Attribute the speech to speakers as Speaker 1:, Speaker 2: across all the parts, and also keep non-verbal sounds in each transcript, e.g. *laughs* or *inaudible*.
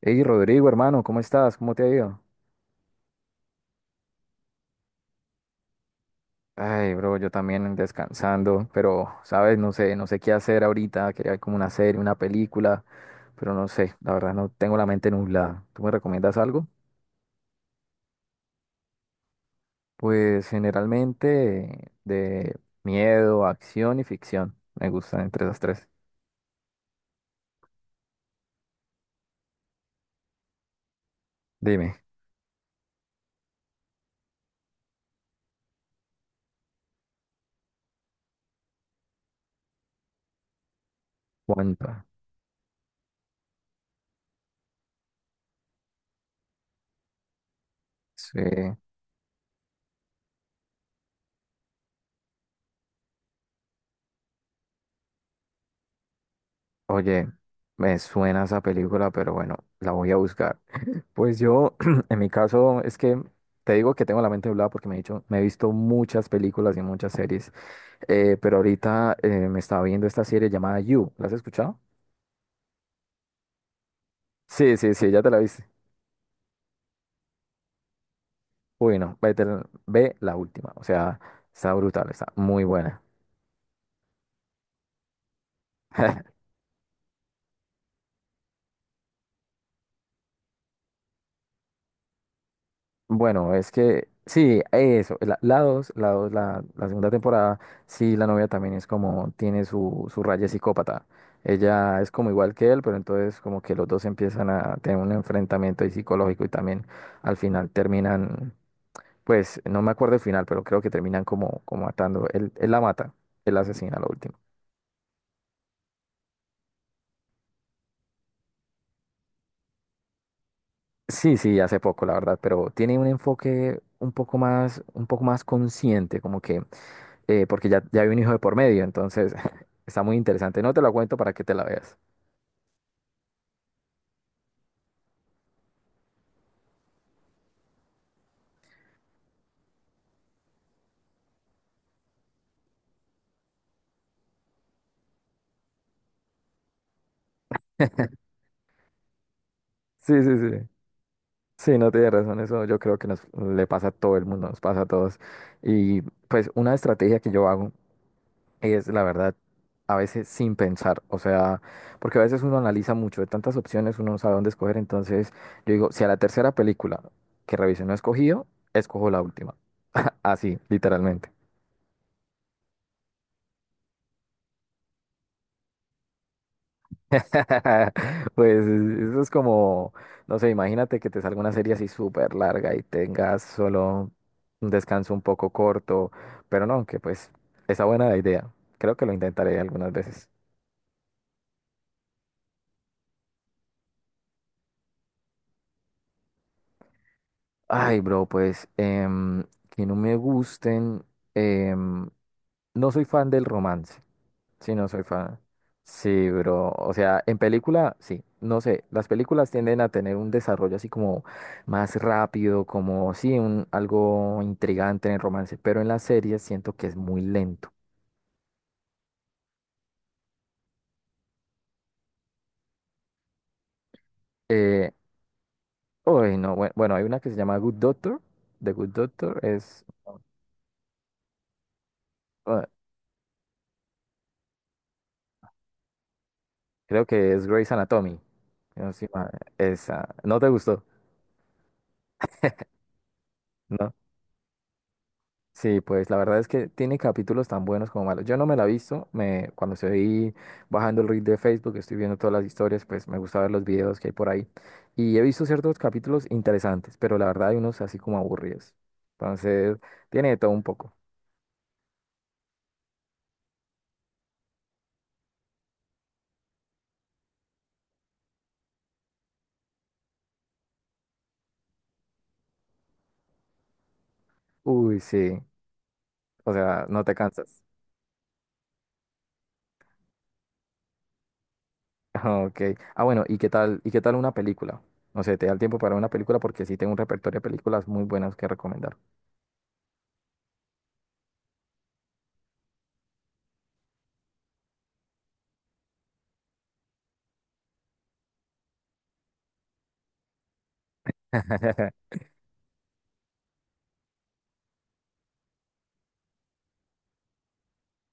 Speaker 1: Hey Rodrigo, hermano, ¿cómo estás? ¿Cómo te ha ido? Ay, bro, yo también descansando, pero, sabes, no sé qué hacer ahorita, quería ver como una serie, una película, pero no sé, la verdad no tengo la mente nublada. ¿Tú me recomiendas algo? Pues generalmente de miedo, acción y ficción. Me gustan entre esas tres. Dime, ¿cuánta? Sí. Oye, me suena esa película, pero bueno, la voy a buscar. *laughs* Pues yo, *clears throat* en mi caso, es que te digo que tengo la mente nublada porque me he visto muchas películas y muchas series, pero ahorita me estaba viendo esta serie llamada You. ¿La has escuchado? Sí, sí, sí, ya te la viste. Uy, no, ve la última. O sea, está brutal, está muy buena. *laughs* Bueno, es que sí, eso, la dos, la dos, la segunda temporada, sí, la novia también es como, tiene su raya psicópata. Ella es como igual que él, pero entonces como que los dos empiezan a tener un enfrentamiento ahí psicológico y también al final terminan, pues no me acuerdo el final, pero creo que terminan como matando. Él la mata, él la asesina, lo último. Sí, sí, hace poco, la verdad, pero tiene un enfoque un poco más consciente, como que porque ya hay un hijo de por medio, entonces *laughs* está muy interesante. No te lo cuento para que te la veas. *laughs* Sí, sí, sí. Sí, no tienes razón, eso yo creo que nos le pasa a todo el mundo, nos pasa a todos. Y pues una estrategia que yo hago es, la verdad, a veces sin pensar, o sea, porque a veces uno analiza mucho, de tantas opciones uno no sabe dónde escoger, entonces yo digo, si a la tercera película que revise no he escogido, escojo la última, *laughs* así, literalmente. *laughs* Pues eso es como, no sé, imagínate que te salga una serie así súper larga y tengas solo un descanso un poco corto, pero no, que pues está buena la idea. Creo que lo intentaré algunas veces. Ay, bro, pues que no me gusten, em, no soy fan del romance. Sí, no soy fan. Sí, bro. O sea, en película, sí. No sé, las películas tienden a tener un desarrollo así como más rápido, como sí, algo intrigante en el romance, pero en las series siento que es muy lento. Eh, Uy, no, bueno, hay una que se llama Good Doctor. The Good Doctor es, ah, creo que es Grey's Anatomy. No, estoy mal. Esa, ¿no te gustó? ¿No? Sí, pues la verdad es que tiene capítulos tan buenos como malos. Yo no me la he visto, cuando estoy bajando el read de Facebook, estoy viendo todas las historias, pues me gusta ver los videos que hay por ahí. Y he visto ciertos capítulos interesantes, pero la verdad hay unos así como aburridos. Entonces, tiene de todo un poco. Uy, sí, o sea, no te cansas. *laughs* Ok. Ah, bueno, ¿y qué tal una película? No sé, ¿te da el tiempo para una película? Porque sí tengo un repertorio de películas muy buenas que recomendar. *laughs*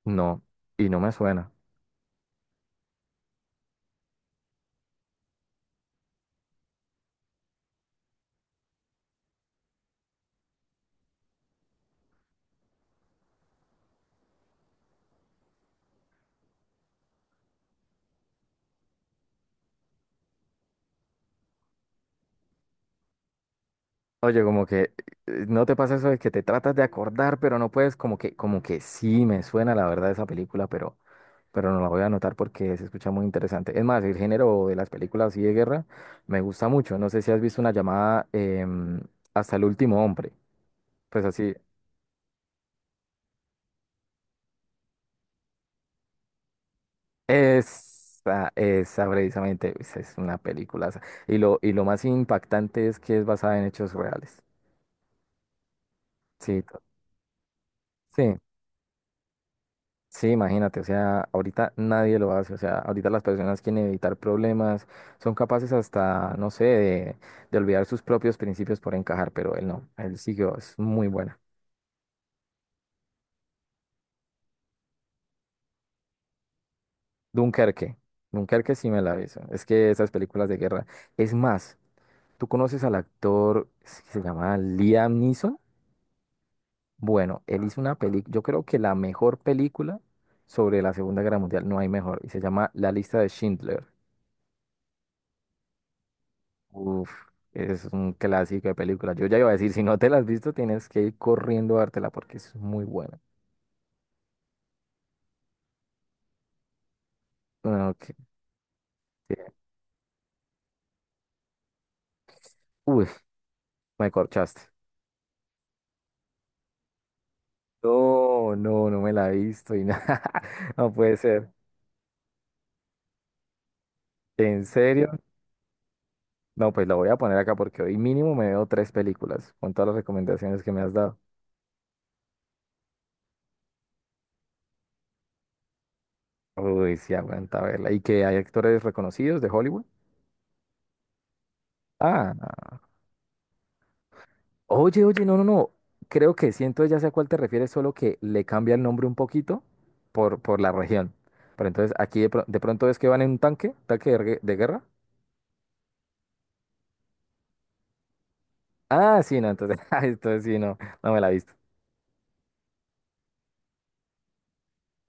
Speaker 1: No, y no me suena. Oye, como que no te pasa eso de que te tratas de acordar, pero no puedes, como que sí me suena la verdad esa película, pero no la voy a anotar porque se escucha muy interesante. Es más, el género de las películas así de guerra me gusta mucho. No sé si has visto una llamada Hasta el último hombre. Pues así, esa precisamente, pues, es una película. Y lo más impactante es que es basada en hechos reales. Sí, sí. Sí, imagínate, o sea, ahorita nadie lo hace, o sea, ahorita las personas quieren evitar problemas, son capaces hasta, no sé, de, olvidar sus propios principios por encajar, pero él no, él siguió, es muy buena. Dunkerque, Dunkerque sí me la aviso, es que esas películas de guerra, es más, ¿tú conoces al actor, es que se llama Liam Neeson? Bueno, él hizo una película, yo creo que la mejor película sobre la Segunda Guerra Mundial, no hay mejor, y se llama La lista de Schindler. Uf, es un clásico de película. Yo ya iba a decir, si no te la has visto, tienes que ir corriendo a dártela porque es muy buena. No, que- Uy, me corchaste. No, no, no me la he visto y nada. *laughs* No puede ser. ¿En serio? No, pues la voy a poner acá porque hoy mínimo me veo tres películas con todas las recomendaciones que me has dado. Uy, sí, aguanta verla. ¿Y que hay actores reconocidos de Hollywood? Ah, no. Oye, oye, no, no, no. Creo que siento ya sé a cuál te refieres, solo que le cambia el nombre un poquito por la región. Pero entonces aquí de pronto es que van en un tanque, tanque de guerra. Ah, sí, no, entonces, *laughs* esto sí, no, no me la he visto.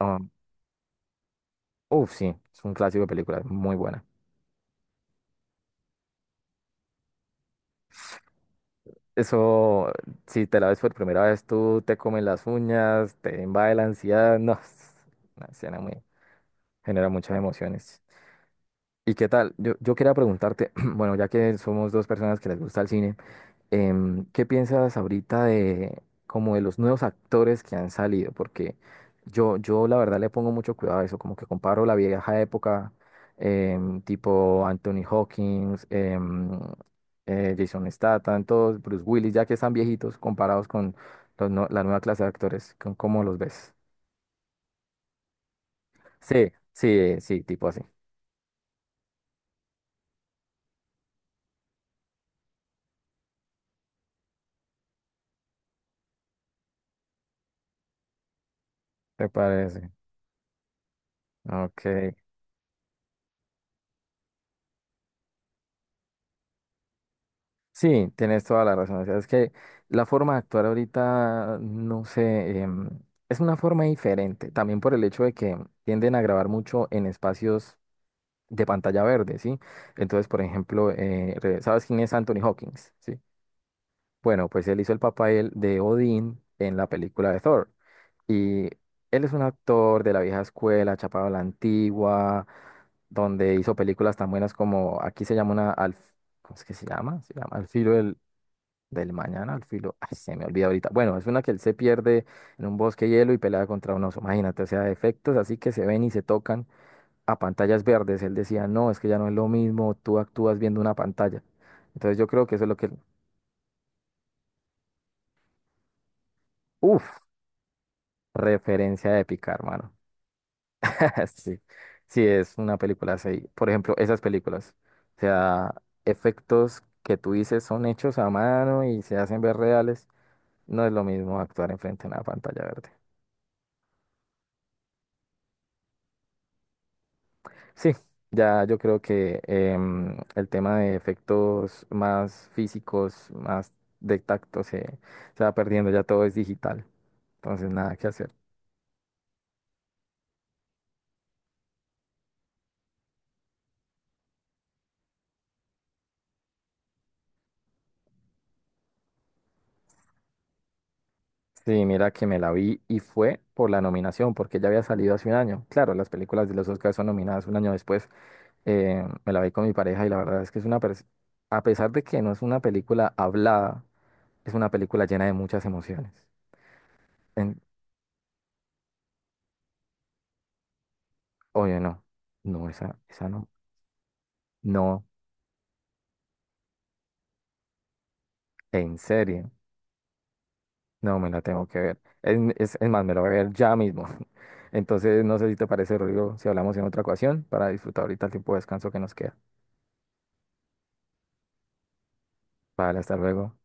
Speaker 1: Um, Uf, sí, es un clásico de película, muy buena. Eso, si te la ves por primera vez, tú te comes las uñas, te invade la ansiedad, no, *laughs* es una escena muy, genera muchas emociones. ¿Y qué tal? Yo quería preguntarte, *clears throat* bueno, ya que somos dos personas que les gusta el cine. ¿Qué piensas ahorita de como de los nuevos actores que han salido? Porque yo la verdad le pongo mucho cuidado a eso, como que comparo la vieja época, tipo Anthony Hawkins, Jason Statham, todos, Bruce Willis, ya que están viejitos comparados con los no- la nueva clase de actores, ¿cómo los ves? Sí, sí, sí, tipo así. ¿Te parece? Ok. Sí, tienes toda la razón. O sea, es que la forma de actuar ahorita, no sé, es una forma diferente. También por el hecho de que tienden a grabar mucho en espacios de pantalla verde, ¿sí? Entonces, por ejemplo, ¿sabes quién es Anthony Hawkins? ¿Sí? Bueno, pues él hizo el papel de Odín en la película de Thor. Y él es un actor de la vieja escuela, chapado a la antigua, donde hizo películas tan buenas como, aquí se llama una, ¿cómo es que se llama? Se llama Al filo del, mañana al filo. Ay, se me olvida ahorita. Bueno, es una que él se pierde en un bosque de hielo y pelea contra un oso. Imagínate, o sea, efectos así que se ven y se tocan a pantallas verdes. Él decía, no, es que ya no es lo mismo, tú actúas viendo una pantalla. Entonces yo creo que eso es lo que... Uf, referencia épica, hermano. *laughs* Sí, sí, es una película así. Por ejemplo, esas películas. O sea, efectos que tú dices son hechos a mano y se hacen ver reales. No es lo mismo actuar enfrente de una pantalla verde. Sí, ya yo creo que el tema de efectos más físicos, más de tacto, se va perdiendo, ya todo es digital, entonces nada que hacer. Sí, mira que me la vi y fue por la nominación, porque ya había salido hace un año. Claro, las películas de los Oscars son nominadas un año después. Me la vi con mi pareja y la verdad es que es a pesar de que no es una película hablada, es una película llena de muchas emociones. En- oye, no, no, esa no, no, en serio. No, me la tengo que ver. Es más, me la voy a ver ya mismo. *laughs* Entonces, no sé si te parece, Rodrigo, si hablamos en otra ocasión para disfrutar ahorita el tiempo de descanso que nos queda. Vale, hasta luego.